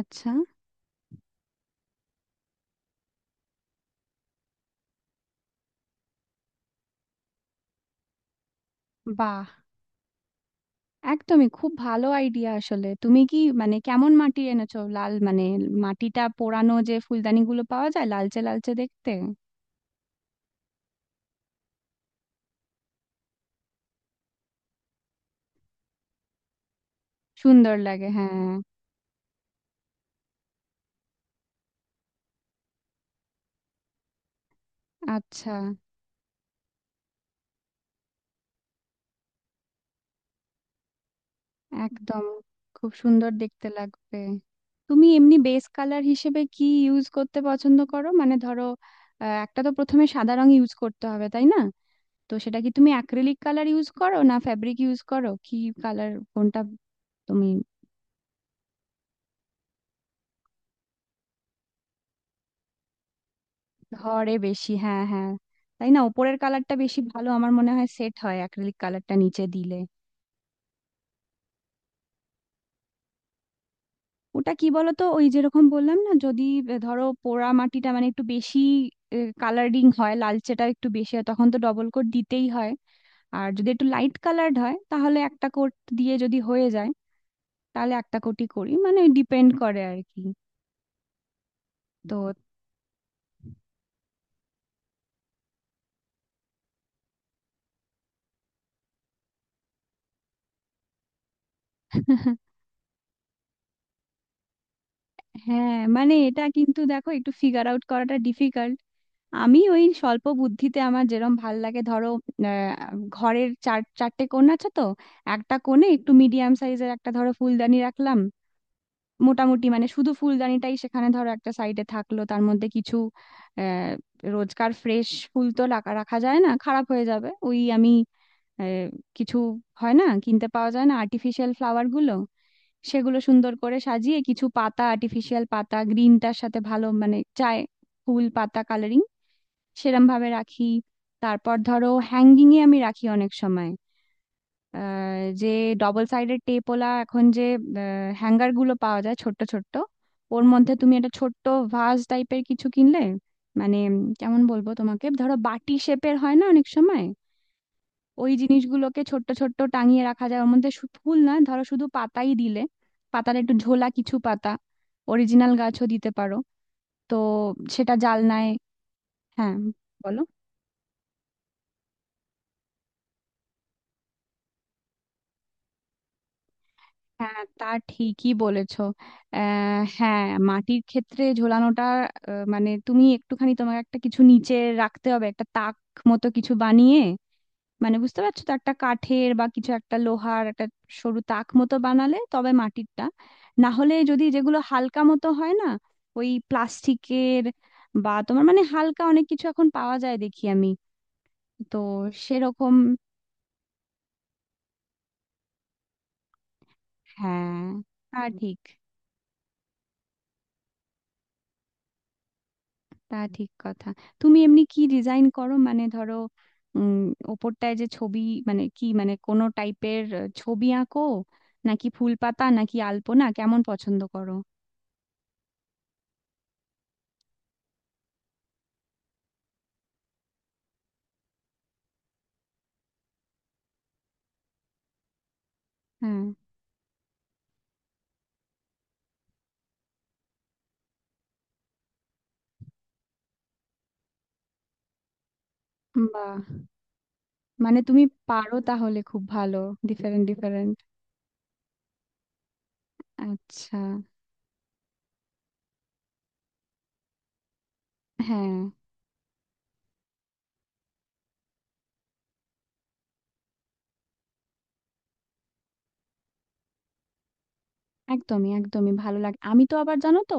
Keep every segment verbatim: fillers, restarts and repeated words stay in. আচ্ছা। বাহ! একদমই খুব ভালো আইডিয়া আসলে। তুমি কি মানে কেমন মাটি এনেছো? লাল মানে মাটিটা পোড়ানো যে ফুলদানিগুলো পাওয়া যায় লালচে লালচে দেখতে সুন্দর লাগে। হ্যাঁ, আচ্ছা একদম খুব সুন্দর দেখতে লাগবে। তুমি এমনি বেস কালার হিসেবে কি ইউজ করতে পছন্দ করো? মানে ধরো আহ, একটা তো প্রথমে সাদা রং ইউজ করতে হবে তাই না? তো সেটা কি তুমি অ্যাক্রিলিক কালার ইউজ করো না ফ্যাব্রিক ইউজ করো? কি কালার কোনটা তুমি ধরে বেশি। হ্যাঁ, হ্যাঁ, তাই না। উপরের কালারটা বেশি ভালো আমার মনে হয় সেট হয় অ্যাক্রিলিক কালারটা নিচে দিলে। ওটা কি বলতো ওই যেরকম বললাম না যদি আহ, ধরো পোড়া মাটিটা মানে একটু বেশি কালারিং হয় লালচেটা একটু বেশি হয় তখন তো ডবল কোট দিতেই হয়। আর যদি একটু লাইট কালার্ড হয় তাহলে একটা কোট দিয়ে যদি হয়ে যায় তাহলে একটা কোটই করি মানে ডিপেন্ড করে আর কি। তো হ্যাঁ, মানে এটা কিন্তু দেখো একটু ফিগার আউট করাটা ডিফিকাল্ট। আমি ওই স্বল্প বুদ্ধিতে আমার যেরম ভাল লাগে ধরো আহ, ঘরের চার চারটে কোণ আছে তো একটা কোণে একটু মিডিয়াম সাইজের একটা ধরো ফুলদানি রাখলাম। মোটামুটি মানে শুধু ফুলদানিটাই সেখানে ধরো একটা সাইডে থাকলো তার মধ্যে কিছু আহ রোজকার ফ্রেশ ফুল তো রাখা রাখা যায় না, খারাপ হয়ে যাবে। ওই আমি আহ, কিছু হয় না কিনতে পাওয়া যায় না আর্টিফিশিয়াল ফ্লাওয়ার গুলো, সেগুলো সুন্দর করে সাজিয়ে কিছু পাতা আর্টিফিশিয়াল পাতা গ্রিনটার সাথে ভালো মানে চায় ফুল পাতা কালারিং সেরম ভাবে রাখি। তারপর ধরো হ্যাঙ্গিং এ আমি রাখি অনেক সময় আহ, যে ডবল সাইডেড টেপওয়ালা এখন যে হ্যাঙ্গার গুলো পাওয়া যায় ছোট্ট ছোট্ট, ওর মধ্যে তুমি একটা ছোট্ট ভাস টাইপের কিছু কিনলে, মানে উম, কেমন বলবো তোমাকে, ধরো বাটি শেপের হয় না অনেক সময়, ওই জিনিসগুলোকে ছোট্ট ছোট্ট টাঙিয়ে রাখা যায়। ওর মধ্যে শু- ফুল না ধরো শুধু পাতাই দিলে পাতার একটু ঝোলা কিছু পাতা অরিজিনাল গাছও দিতে পারো। তো সেটা জালনায়। হ্যাঁ, বলো। হ্যাঁ, তা ঠিকই বলেছো। আহ হ্যাঁ, মাটির ক্ষেত্রে ঝোলানোটা আহ, মানে তুমি একটুখানি তোমার একটা কিছু নিচে রাখতে হবে, একটা তাক মতো কিছু বানিয়ে। মানে বুঝতে পারছো তো, একটা কাঠের বা কিছু একটা লোহার একটা সরু তাক মতো বানালে তবে মাটিরটা। না হলে যদি যেগুলো হালকা মতো হয় না ওই প্লাস্টিকের বা তোমার মানে হালকা অনেক কিছু এখন পাওয়া যায় দেখি আমি। তো সেরকম। হ্যাঁ, তা ঠিক। তা ঠিক কথা। তুমি এমনি কি ডিজাইন করো মানে ধরো উম ওপরটায় যে ছবি, মানে কি মানে কোনো টাইপের ছবি আঁকো নাকি ফুল পাতা নাকি আলপনা কেমন পছন্দ করো? হ্যাঁ, বাহ! মানে তুমি পারো তাহলে খুব ভালো, ডিফারেন্ট ডিফারেন্ট। আচ্ছা। হ্যাঁ, একদমই একদমই ভালো লাগে। আমি তো আবার জানো তো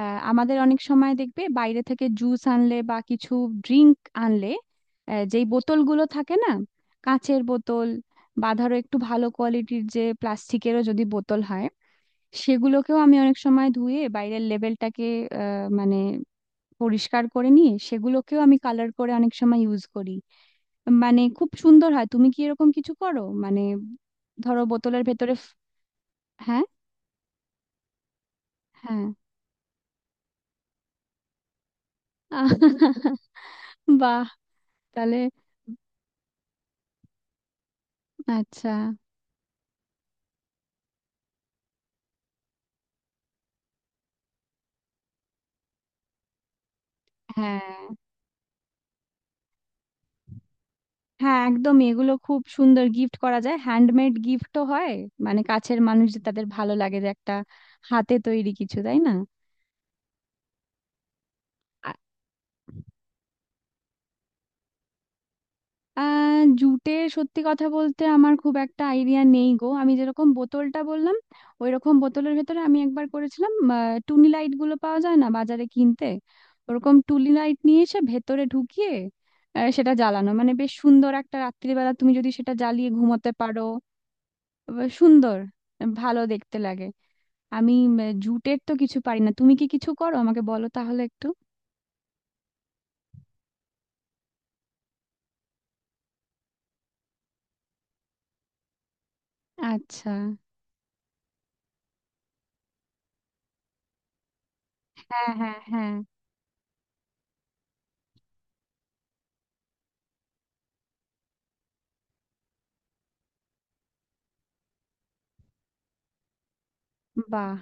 আহ, আমাদের অনেক সময় দেখবে বাইরে থেকে জুস আনলে বা কিছু ড্রিঙ্ক আনলে আহ, যেই বোতলগুলো থাকে না কাঁচের বোতল বা ধরো একটু ভালো কোয়ালিটির যে প্লাস্টিকেরও যদি বোতল হয়, সেগুলোকেও আমি অনেক সময় ধুয়ে বাইরের লেবেলটাকে আহ, মানে পরিষ্কার করে নিয়ে সেগুলোকেও আমি কালার করে অনেক সময় ইউজ করি। মানে খুব সুন্দর হয়। তুমি কি এরকম কিছু করো মানে ধরো বোতলের ভেতরে ফ- হ্যাঁ, হ্যাঁ। আহ, বাহ! তাহলে আচ্ছা। হ্যাঁ, হ্যাঁ, একদমই এগুলো খুব সুন্দর গিফট করা যায়, হ্যান্ডমেড গিফটও হয়। মানে কাছের মানুষ যে তাদের ভালো লাগে যে একটা হাতে তৈরি কিছু, তাই না। আ- আহ, জুটে সত্যি কথা বলতে আমার খুব একটা আইডিয়া নেই গো। আমি যেরকম বোতলটা বললাম ওই রকম বোতলের ভেতরে আমি একবার করেছিলাম। আহ, টুনি লাইট গুলো পাওয়া যায় না বাজারে কিনতে, ওরকম টুনি লাইট নিয়ে এসে ভেতরে ঢুকিয়ে আহ, সেটা জ্বালানো, মানে বেশ সুন্দর, একটা রাত্রিবেলা তুমি যদি সেটা জ্বালিয়ে ঘুমোতে পারো আহ, সুন্দর ভালো দেখতে লাগে। আমি উম, জুটের তো কিছু পারি না। তুমি কি কিছু করো আমাকে বলো তাহলে একটু। আচ্ছা। হ্যাঁ, হ্যাঁ, হ্যাঁ। বাহ!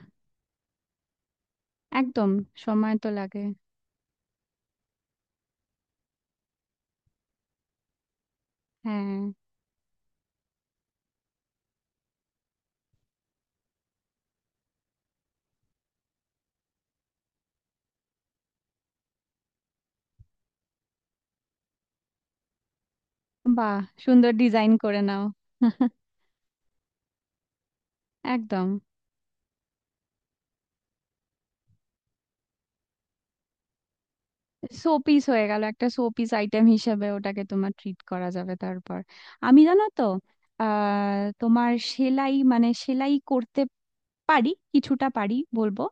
একদম। সময় তো লাগে। হ্যাঁ। বাহ! সুন্দর ডিজাইন করে নাও। একদম। শো পিস হয়ে গেল, একটা শো পিস আইটেম হিসেবে ওটাকে তোমার ট্রিট করা যাবে। তারপর আমি জানো তো আহ তোমার সেলাই মানে সেলাই করতে পারি, কিছুটা পারি বলবো।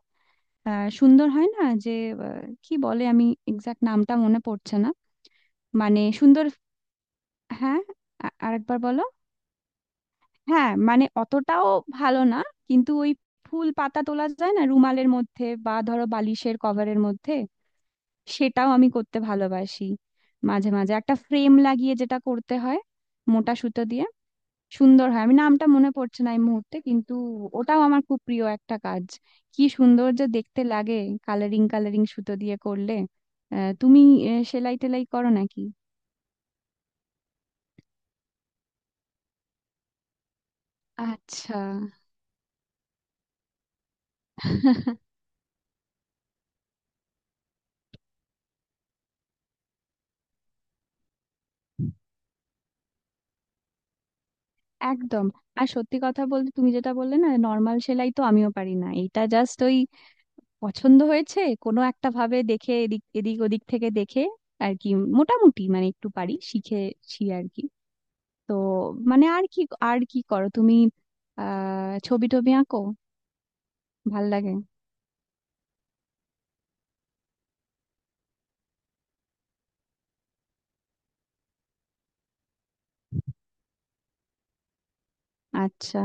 আহ, সুন্দর হয় না যে, আহ, কি বলে, আমি এক্সাক্ট নামটা মনে পড়ছে না। মানে সুন্দর। হ্যাঁ। আ- আরেকবার বলো। হ্যাঁ, মানে অতটাও ভালো না কিন্তু ওই ফুল পাতা তোলা যায় না রুমালের মধ্যে বা ধরো বালিশের কভারের মধ্যে, সেটাও আমি করতে ভালোবাসি। মাঝে মাঝে একটা ফ্রেম লাগিয়ে যেটা করতে হয় মোটা সুতো দিয়ে, সুন্দর হয়। আমি নামটা মনে পড়ছে না এই মুহূর্তে কিন্তু ওটাও আমার খুব প্রিয় একটা কাজ। কি সুন্দর যে দেখতে লাগে কালারিং কালারিং সুতো দিয়ে করলে। আহ, তুমি আহ, সেলাই টেলাই করো নাকি? আচ্ছা। একদম। আর সত্যি কথা বলতে তুমি যেটা বললে না নর্মাল সেলাই তো আমিও পারি না। এটা জাস্ট ওই পছন্দ হয়েছে কোনো একটা ভাবে, দেখে এদিক এদিক ওদিক থেকে দেখে আর কি। মোটামুটি মানে একটু পারি, শিখেছি আর কি। তো মানে আর কি। আর কি করো তুমি? আহ ছবি টবি আঁকো, ভাল লাগে? আচ্ছা।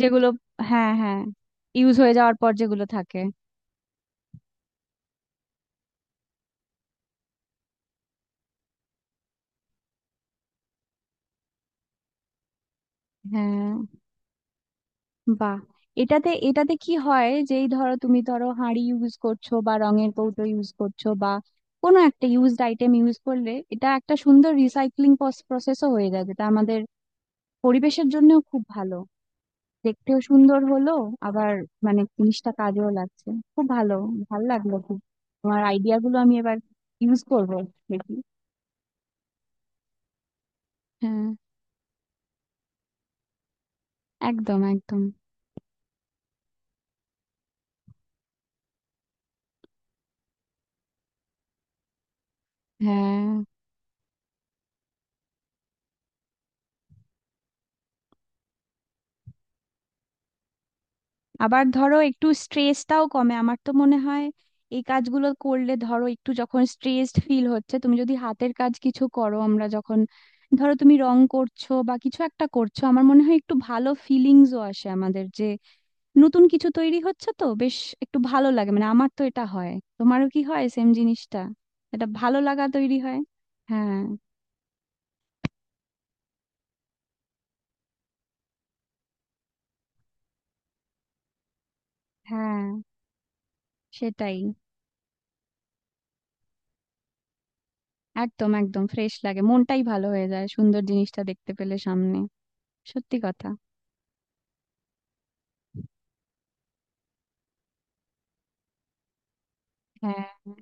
যেগুলো হ্যাঁ, হ্যাঁ, ইউজ হয়ে যাওয়ার পর যেগুলো থাকে। হ্যাঁ। বাহ! এটাতে এটাতে কি হয়, যেই ধরো তুমি ধরো হাঁড়ি ইউজ করছো বা রঙের কৌটো ইউজ করছো বা কোনো একটা ইউজড আইটেম ইউজ করলে, এটা একটা সুন্দর রিসাইক্লিং প্রসেসও হয়ে যায় যেটা আমাদের পরিবেশের জন্যও খুব ভালো। দেখতেও সুন্দর হলো আবার, মানে জিনিসটা কাজেও লাগছে, খুব ভালো। ভালো লাগলো খুব। তোমার আইডিয়া গুলো আমি এবার ইউজ করবো, দেখি। হ্যাঁ, একদম একদম। হ্যাঁ, আবার ধরো একটু স্ট্রেসটাও কমে আমার তো মনে হয় এই কাজগুলো করলে। ধরো একটু যখন স্ট্রেসড ফিল হচ্ছে তুমি যদি হাতের কাজ কিছু করো, আমরা যখন ধরো তুমি রং করছো বা কিছু একটা করছো, আমার মনে হয় একটু ভালো ফিলিংসও আসে আমাদের, যে নতুন কিছু তৈরি হচ্ছে, তো বেশ একটু ভালো লাগে, মানে আমার তো এটা হয়। তোমারও কি হয় সেম জিনিসটা? এটা ভালো লাগা তৈরি হয়। হ্যাঁ, হ্যাঁ, সেটাই। একদম একদম ফ্রেশ লাগে, মনটাই ভালো হয়ে যায় সুন্দর জিনিসটা দেখতে পেলে সামনে, সত্যি কথা। হ্যাঁ।